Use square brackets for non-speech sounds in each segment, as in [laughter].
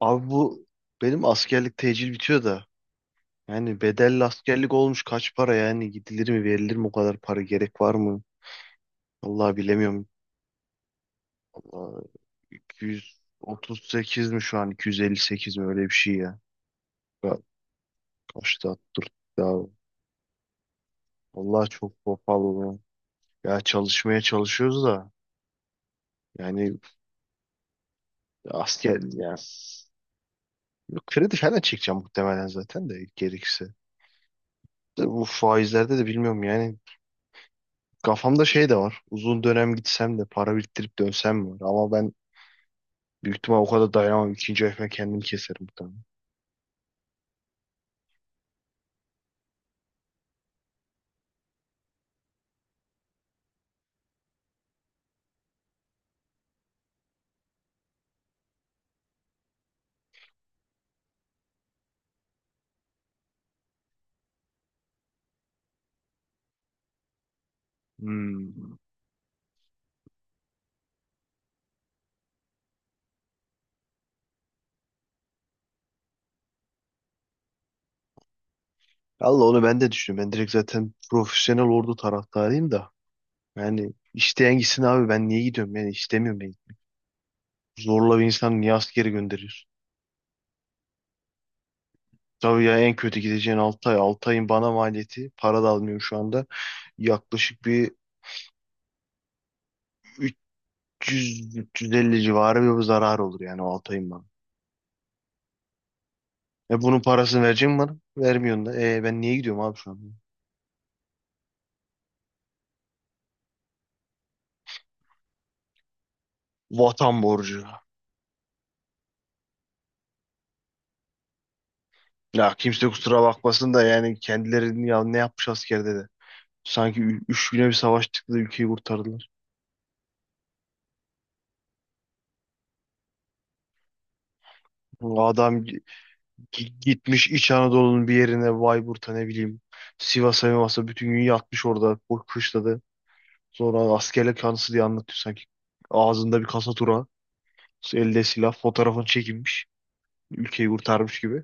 Abi bu benim askerlik tecil bitiyor da yani bedelli askerlik olmuş kaç para yani gidilir mi verilir mi o kadar para gerek var mı? Vallahi bilemiyorum. Vallahi 238 mi şu an 258 mi öyle bir şey ya. Ya kaçtı dur ya. Vallahi çok pahalı. Ya Ya çalışmaya çalışıyoruz da yani asker ya kredi falan çekeceğim muhtemelen zaten de gerekirse. Bu faizlerde de bilmiyorum yani. Kafamda şey de var. Uzun dönem gitsem de para biriktirip dönsem mi var? Ama ben büyük ihtimal o kadar dayanamam. İkinci ayıma kendim keserim muhtemelen. Hmm. Allah onu ben de düşünüyorum. Ben direkt zaten profesyonel ordu taraftarıyım da. Yani isteyen gitsin abi ben niye gidiyorum? Yani istemiyorum ben. Zorla bir insan niye askere gönderiyorsun? Tabii ya en kötü gideceğin 6 ay. 6 ayın bana maliyeti. Para da almıyorum şu anda. Yaklaşık bir 300-350 civarı bir zarar olur yani o 6 ayın bana. E bunun parasını verecek mi bana? Vermiyorsun da. E ben niye gidiyorum abi şu an? Vatan borcu. Ya kimse kusura bakmasın da yani kendilerini ya ne yapmış askerde de. Sanki 3 güne bir savaştık da ülkeyi kurtardılar. Adam gitmiş İç Anadolu'nun bir yerine Bayburt'a ne bileyim Sivas'a Mivas'a bütün gün yatmış orada bu kışladı. Sonra askerlik anısı diye anlatıyor sanki. Ağzında bir kasa tura, elde silah, fotoğrafını çekilmiş. Ülkeyi kurtarmış gibi.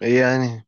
E yani.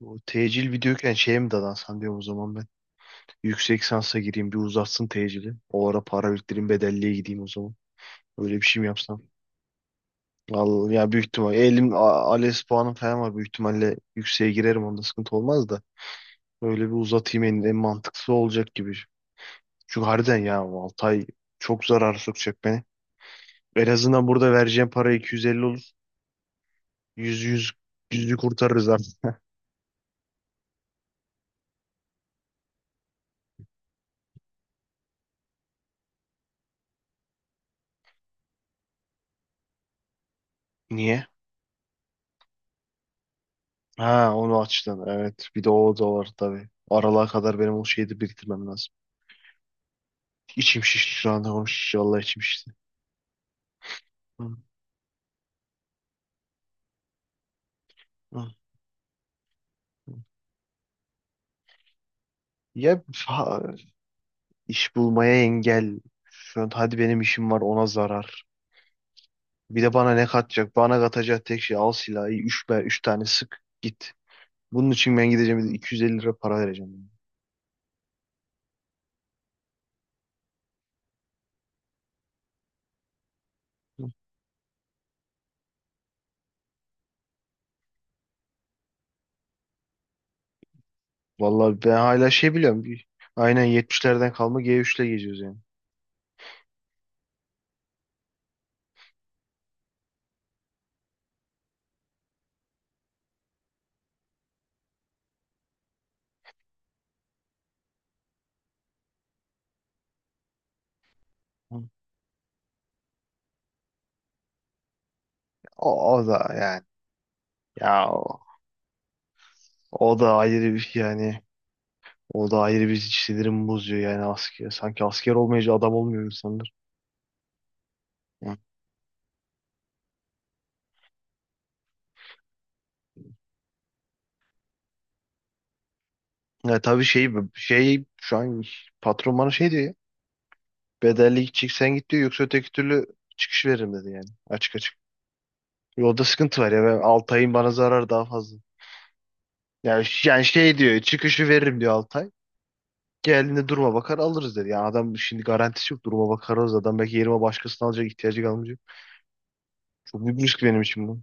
Bu tecil videoyken şeye mi dadansan diyorum o zaman ben. Yüksek sansa gireyim bir uzatsın tecili. O ara para biriktireyim bedelliye gideyim o zaman. Öyle bir şey mi yapsam? Vallahi ya büyük ihtimal elim ALES puanım falan var. Büyük ihtimalle yükseğe girerim onda sıkıntı olmaz da. Öyle bir uzatayım en mantıklısı olacak gibi. Çünkü harbiden ya 6 ay çok zarar sokacak beni. En azından burada vereceğim para 250 olur. 100 100 yüzü kurtarırız artık. Niye? Ha onu açtın. Evet. Bir de o da var tabii. Aralığa kadar benim o şeyi de biriktirmem lazım. İçim şişti şu anda konuşunca. Vallahi içim şişti. Hı, hı, hı. Ya ha, iş bulmaya engel. Şu an hadi benim işim var ona zarar. Bir de bana ne katacak? Bana katacak tek şey al silahı. Üç, be, üç tane sık git. Bunun için ben gideceğim bir de 250 lira para vereceğim. Hı. Vallahi ben hala şey biliyorum. Bir, aynen 70'lerden kalma G3'le geziyoruz yani. Hı. O, o da yani. Ya O da ayrı bir yani. O da ayrı bir sinirimi bozuyor yani asker. Sanki asker olmayınca adam olmuyor insanlar. Hı. Ya tabii şu an patron bana şey diyor ya. Bedelli gidecek sen git diyor yoksa öteki türlü çıkış veririm dedi yani. Açık açık. Yolda sıkıntı var ya ben Altay'ın bana zararı daha fazla. Yani, şey diyor çıkışı veririm diyor Altay. Geldiğinde duruma bakar alırız dedi. Yani adam şimdi garantisi yok duruma bakar alırız. Adam belki yerime başkasını alacak ihtiyacı kalmayacak. Çok büyük risk benim için bu.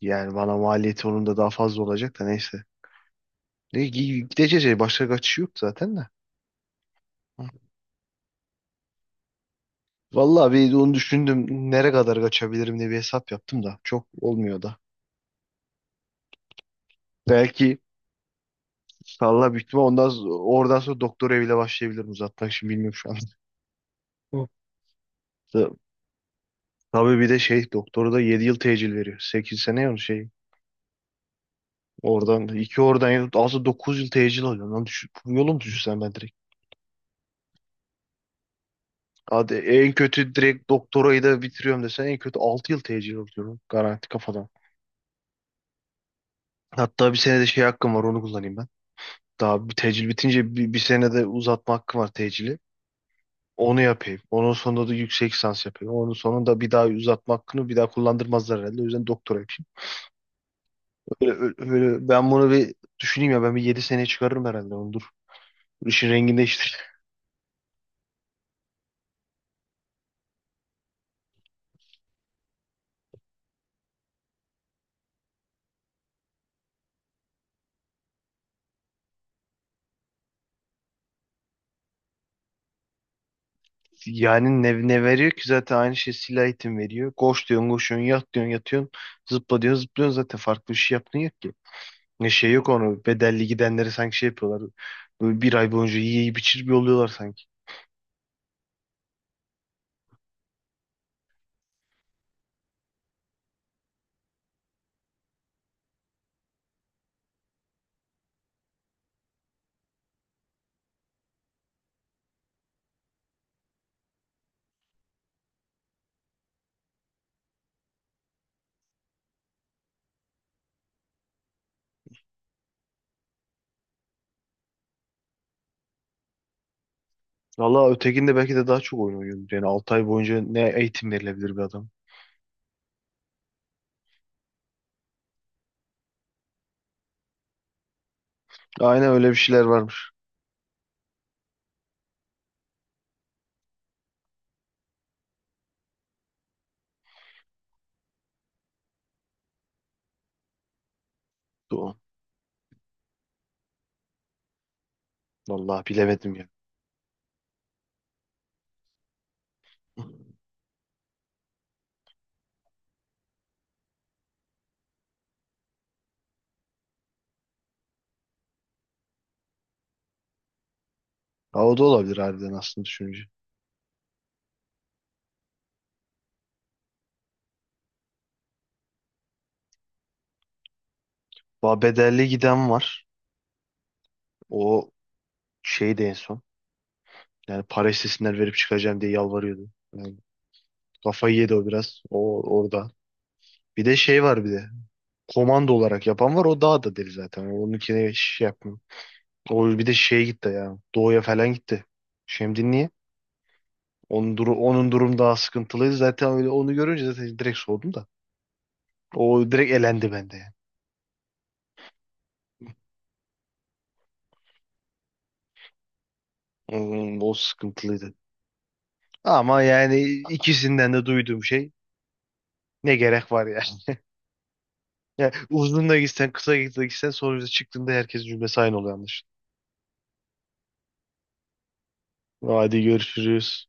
Yani bana maliyeti onun da daha fazla olacak da neyse. Ne, gideceğiz ya başka kaçış yok zaten de. Hı. Vallahi bir de onu düşündüm. Nereye kadar kaçabilirim diye bir hesap yaptım da. Çok olmuyor da. Belki salla büyük ihtimal ondan oradan sonra doktor eviyle başlayabilirim uzatmak için bilmiyorum şu an. Hı. Ta- Tabii bir de şey doktoru da 7 yıl tecil veriyor. 8 sene ya şey. Oradan 2 oradan aslında 9 yıl tecil alıyor. Lan düşün, yolum düşürsen ben. Hadi en kötü direkt doktorayı da bitiriyorum desen en kötü 6 yıl tecil alıyorum garanti kafadan. Hatta bir senede şey hakkım var onu kullanayım ben. Daha bir tecil bitince bir senede uzatma hakkım var tecili. Onu yapayım. Onun sonunda da yüksek lisans yapayım. Onun sonunda bir daha uzatma hakkını bir daha kullandırmazlar herhalde. O yüzden doktora yapayım. Ben bunu bir düşüneyim ya ben bir 7 seneye çıkarırım herhalde onu dur. İşin rengini değiştir. Yani ne veriyor ki zaten aynı şey silah eğitim veriyor. Koş diyorsun koşuyorsun yat diyorsun yatıyorsun zıpla diyorsun zıplıyorsun zaten farklı bir şey yaptığın yok ki. Ne şey yok onu bedelli gidenleri sanki şey yapıyorlar. Böyle bir ay boyunca yiyip içir bir oluyorlar sanki. Valla ötekinde belki de daha çok oyun oynuyordur. Yani 6 ay boyunca ne eğitim verilebilir bir adam. Aynen öyle bir şeyler varmış. Doğru. Valla bilemedim ya. Ha, o da olabilir harbiden aslında düşününce. Va bedelli giden var. O şey de en son. Yani para istesinler verip çıkacağım diye yalvarıyordu. Yani kafayı yedi o biraz. O orada. Bir de şey var bir de. Komando olarak yapan var. O daha da deli zaten. Onunkine şey yapmıyor. O bir de şeye gitti ya. Doğuya falan gitti. Şimdi niye? Duru, onun durum daha sıkıntılıydı. Zaten öyle onu görünce zaten direkt soğudum da. O direkt elendi bende yani. O sıkıntılıydı. Ama yani ikisinden de duyduğum şey ne gerek var ya. [laughs] Yani uzun da gitsen kısa da gitsen sonuçta çıktığında herkes cümlesi aynı oluyor anlaşılan. Hadi görüşürüz.